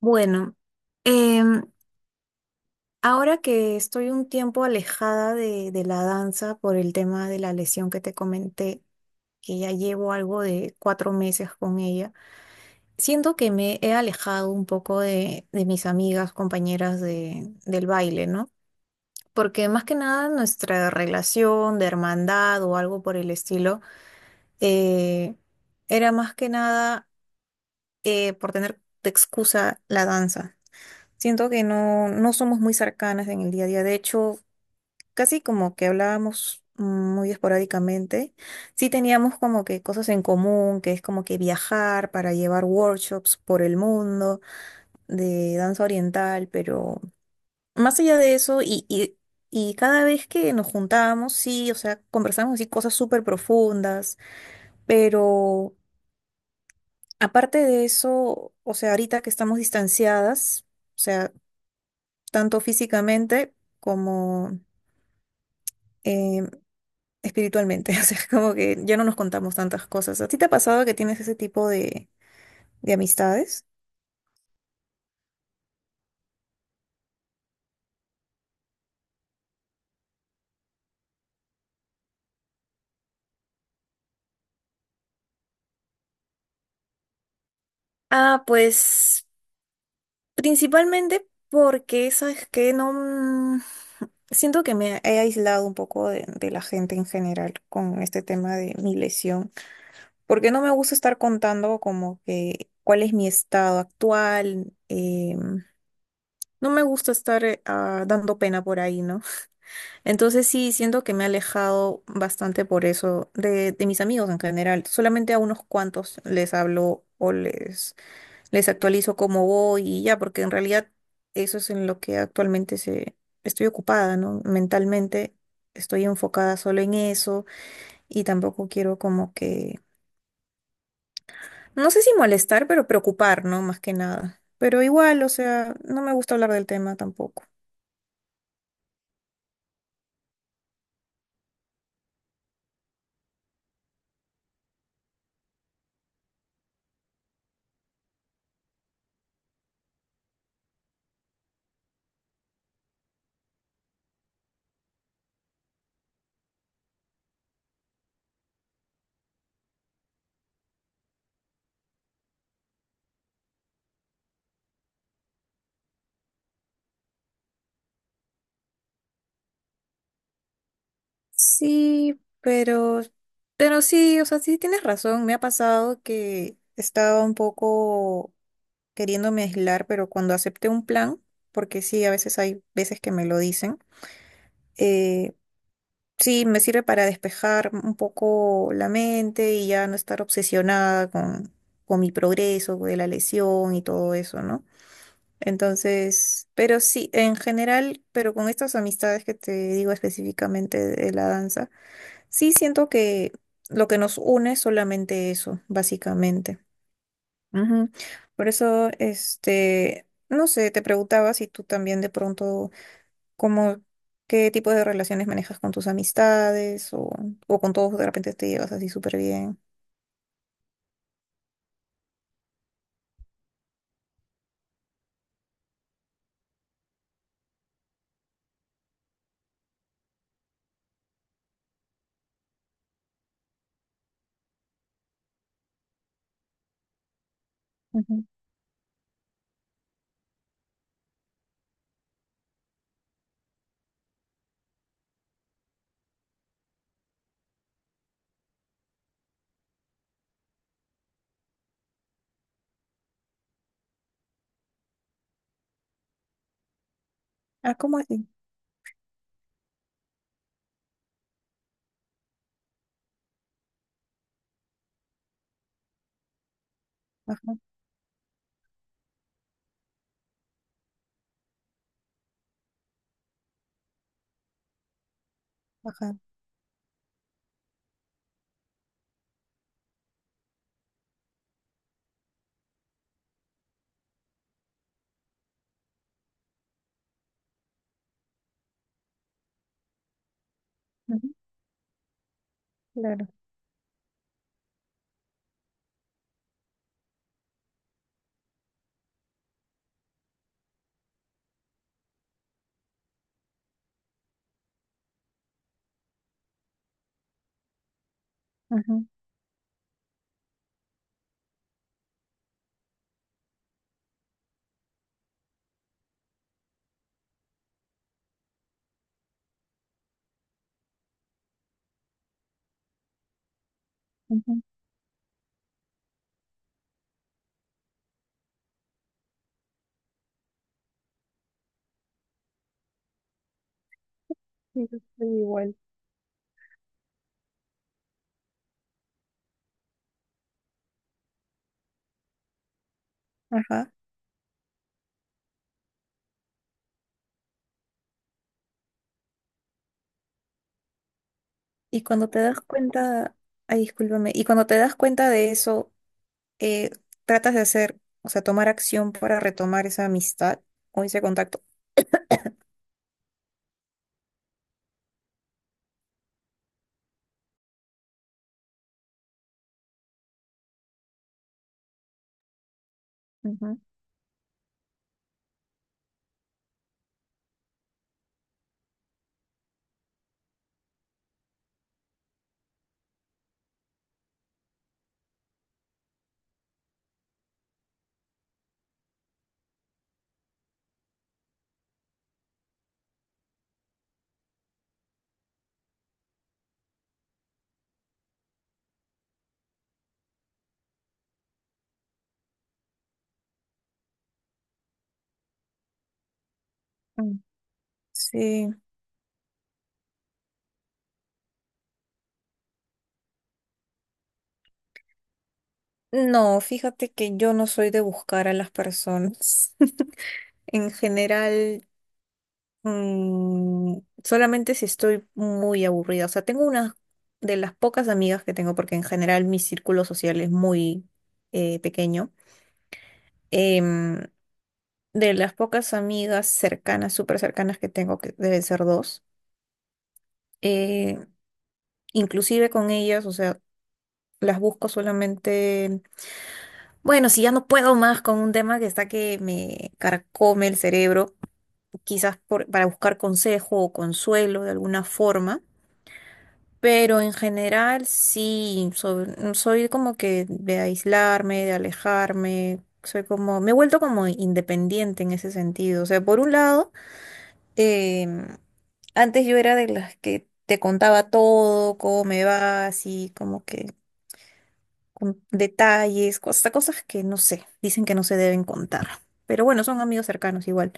Bueno, em, ahora que estoy un tiempo alejada de la danza por el tema de la lesión que te comenté, que ya llevo algo de 4 meses con ella, siento que me he alejado un poco de mis amigas, compañeras del baile, ¿no? Porque más que nada nuestra relación de hermandad o algo por el estilo, eh, era más que nada por tener de excusa la danza. Siento que no, no somos muy cercanas en el día a día. De hecho, casi como que hablábamos muy esporádicamente. Sí teníamos como que cosas en común, que es como que viajar para llevar workshops por el mundo de danza oriental, pero más allá de eso, y cada vez que nos juntábamos, sí, o sea, conversábamos así cosas súper profundas, pero aparte de eso, o sea, ahorita que estamos distanciadas, o sea, tanto físicamente, como eh, espiritualmente. O sea, es como que ya no nos contamos tantas cosas. ¿A ti te ha pasado que tienes ese tipo de amistades? Ah, pues principalmente porque ¿sabes que No... mm, siento que me he aislado un poco de la gente en general con este tema de mi lesión, porque no me gusta estar contando como que cuál es mi estado actual, no me gusta estar dando pena por ahí, ¿no? Entonces sí, siento que me he alejado bastante por eso de mis amigos en general. Solamente a unos cuantos les hablo o les actualizo cómo voy y ya, porque en realidad eso es en lo que actualmente estoy ocupada, ¿no? Mentalmente estoy enfocada solo en eso y tampoco quiero como que, no sé si molestar, pero preocupar, ¿no? Más que nada. Pero igual, o sea, no me gusta hablar del tema tampoco. Sí, pero sí, o sea, sí tienes razón. Me ha pasado que estaba un poco queriéndome aislar, pero cuando acepté un plan, porque sí, a veces hay veces que me lo dicen, eh, sí, me sirve para despejar un poco la mente y ya no estar obsesionada con, mi progreso, de la lesión y todo eso, ¿no? Entonces, pero sí, en general, pero con estas amistades que te digo específicamente de la danza. Sí, siento que lo que nos une es solamente eso, básicamente. Ujú. Por eso, este, no sé, te preguntaba si tú también de pronto, como, qué tipo de relaciones manejas con tus amistades o con todos de repente te llevas así súper bien. Ujú. Ah, ¿cómo así? Ajá, ajá. Ujú, claro. Ajá, ujú. Sí, yo soy igual. Ajá. Y cuando te das cuenta, ay, discúlpame, ¿y cuando te das cuenta de eso, eh, tratas de hacer, o sea, tomar acción para retomar esa amistad o ese contacto? Ujú, mm. Sí. No, fíjate que yo no soy de buscar a las personas. En general, mm, solamente si estoy muy aburrida. O sea, tengo una de las pocas amigas que tengo, porque en general mi círculo social es muy pequeño. Em, de las pocas amigas cercanas, súper cercanas que tengo, que deben ser dos. eh, inclusive con ellas, o sea, las busco solamente, bueno, si ya no puedo más con un tema que está que me carcome el cerebro, quizás para buscar consejo o consuelo de alguna forma, pero en general sí, soy como que de aislarme, de alejarme. Soy como, me he vuelto como independiente en ese sentido. O sea, por un lado, em, antes yo era de las que te contaba todo, cómo me va, así como que con detalles, cosas, cosas que no sé, dicen que no se deben contar. Pero bueno, son amigos cercanos igual.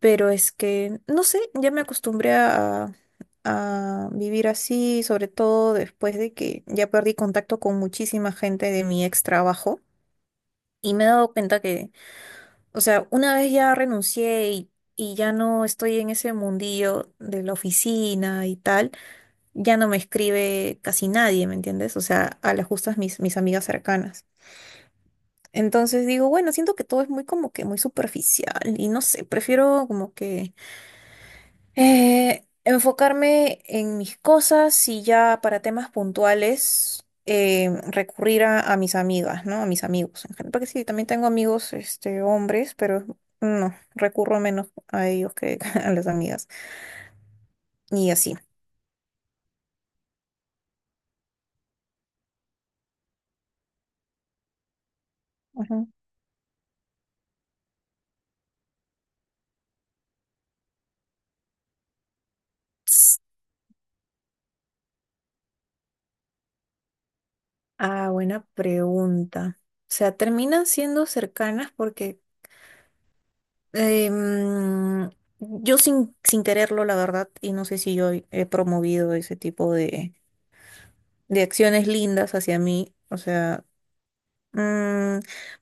Pero es que, no sé, ya me acostumbré a, vivir así, sobre todo después de que ya perdí contacto con muchísima gente de mi ex trabajo. Y me he dado cuenta que, o sea, una vez ya renuncié y ya no estoy en ese mundillo de la oficina y tal, ya no me escribe casi nadie, ¿me entiendes? O sea, a las justas mis amigas cercanas. Entonces digo, bueno, siento que todo es muy como que muy superficial y no sé, prefiero como que enfocarme en mis cosas y ya para temas puntuales recurrir a mis amigas, ¿no? A mis amigos en general. Porque sí, también tengo amigos, este, hombres, pero no, recurro menos a ellos que a las amigas y así. Ujú. Ah, buena pregunta. O sea, terminan siendo cercanas porque Em, yo sin quererlo, la verdad, y no sé si yo he promovido ese tipo de acciones lindas hacia mí. O sea, mm,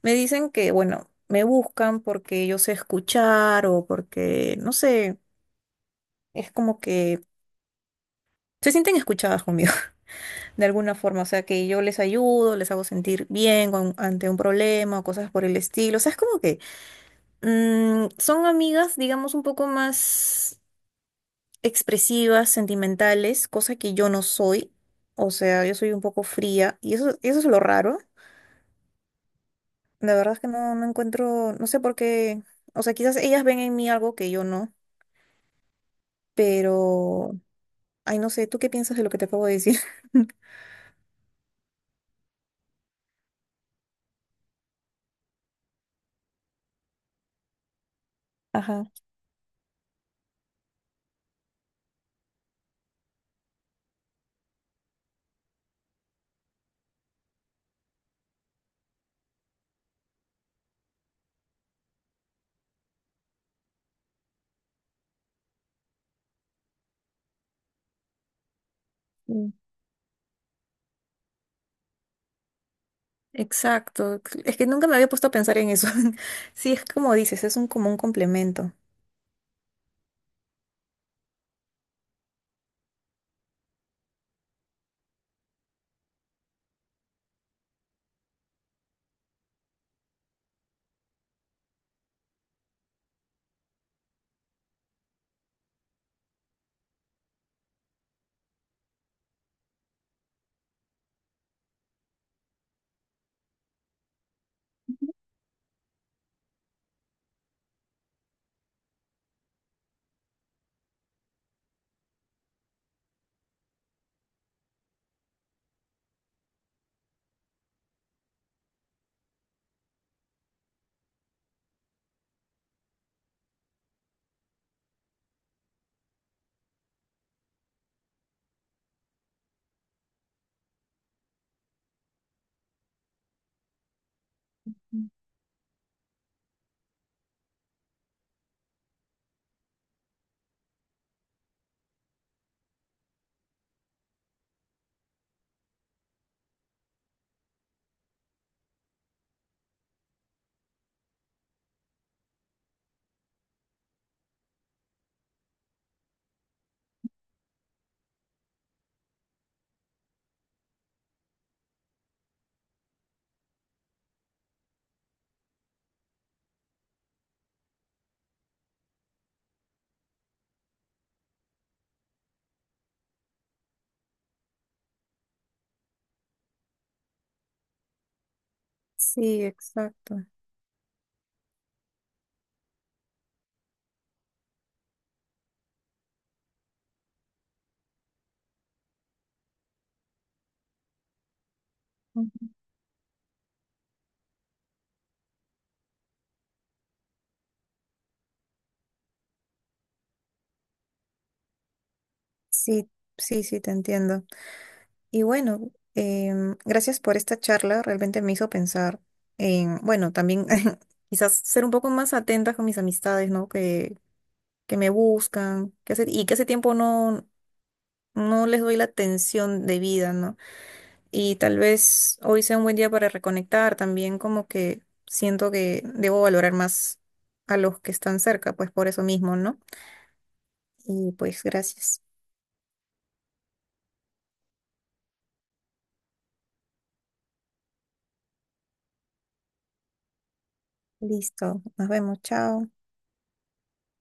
me dicen que, bueno, me buscan porque yo sé escuchar o porque, no sé, es como que se sienten escuchadas conmigo, de alguna forma. O sea, que yo les ayudo, les hago sentir bien ante un problema o cosas por el estilo. O sea, es como que son amigas, digamos, un poco más expresivas, sentimentales, cosa que yo no soy. O sea, yo soy un poco fría y eso es lo raro. La verdad es que no, no encuentro, no sé por qué, o sea, quizás ellas ven en mí algo que yo no, pero, ay, no sé, ¿tú qué piensas de lo que te acabo de decir? Ajá. Mm. Exacto, es que nunca me había puesto a pensar en eso. Sí, es como dices, es un como un complemento. Sí, exacto. Ujú. Sí, sí, sí, te entiendo. Y bueno, gracias por esta charla. Realmente me hizo pensar en, bueno, también quizás ser un poco más atenta con mis amistades, ¿no? Que me buscan, y que hace tiempo no, no les doy la atención debida, ¿no? Y tal vez hoy sea un buen día para reconectar también, como que siento que debo valorar más a los que están cerca, pues por eso mismo, ¿no? Y pues gracias. Listo. Nos vemos. Chao.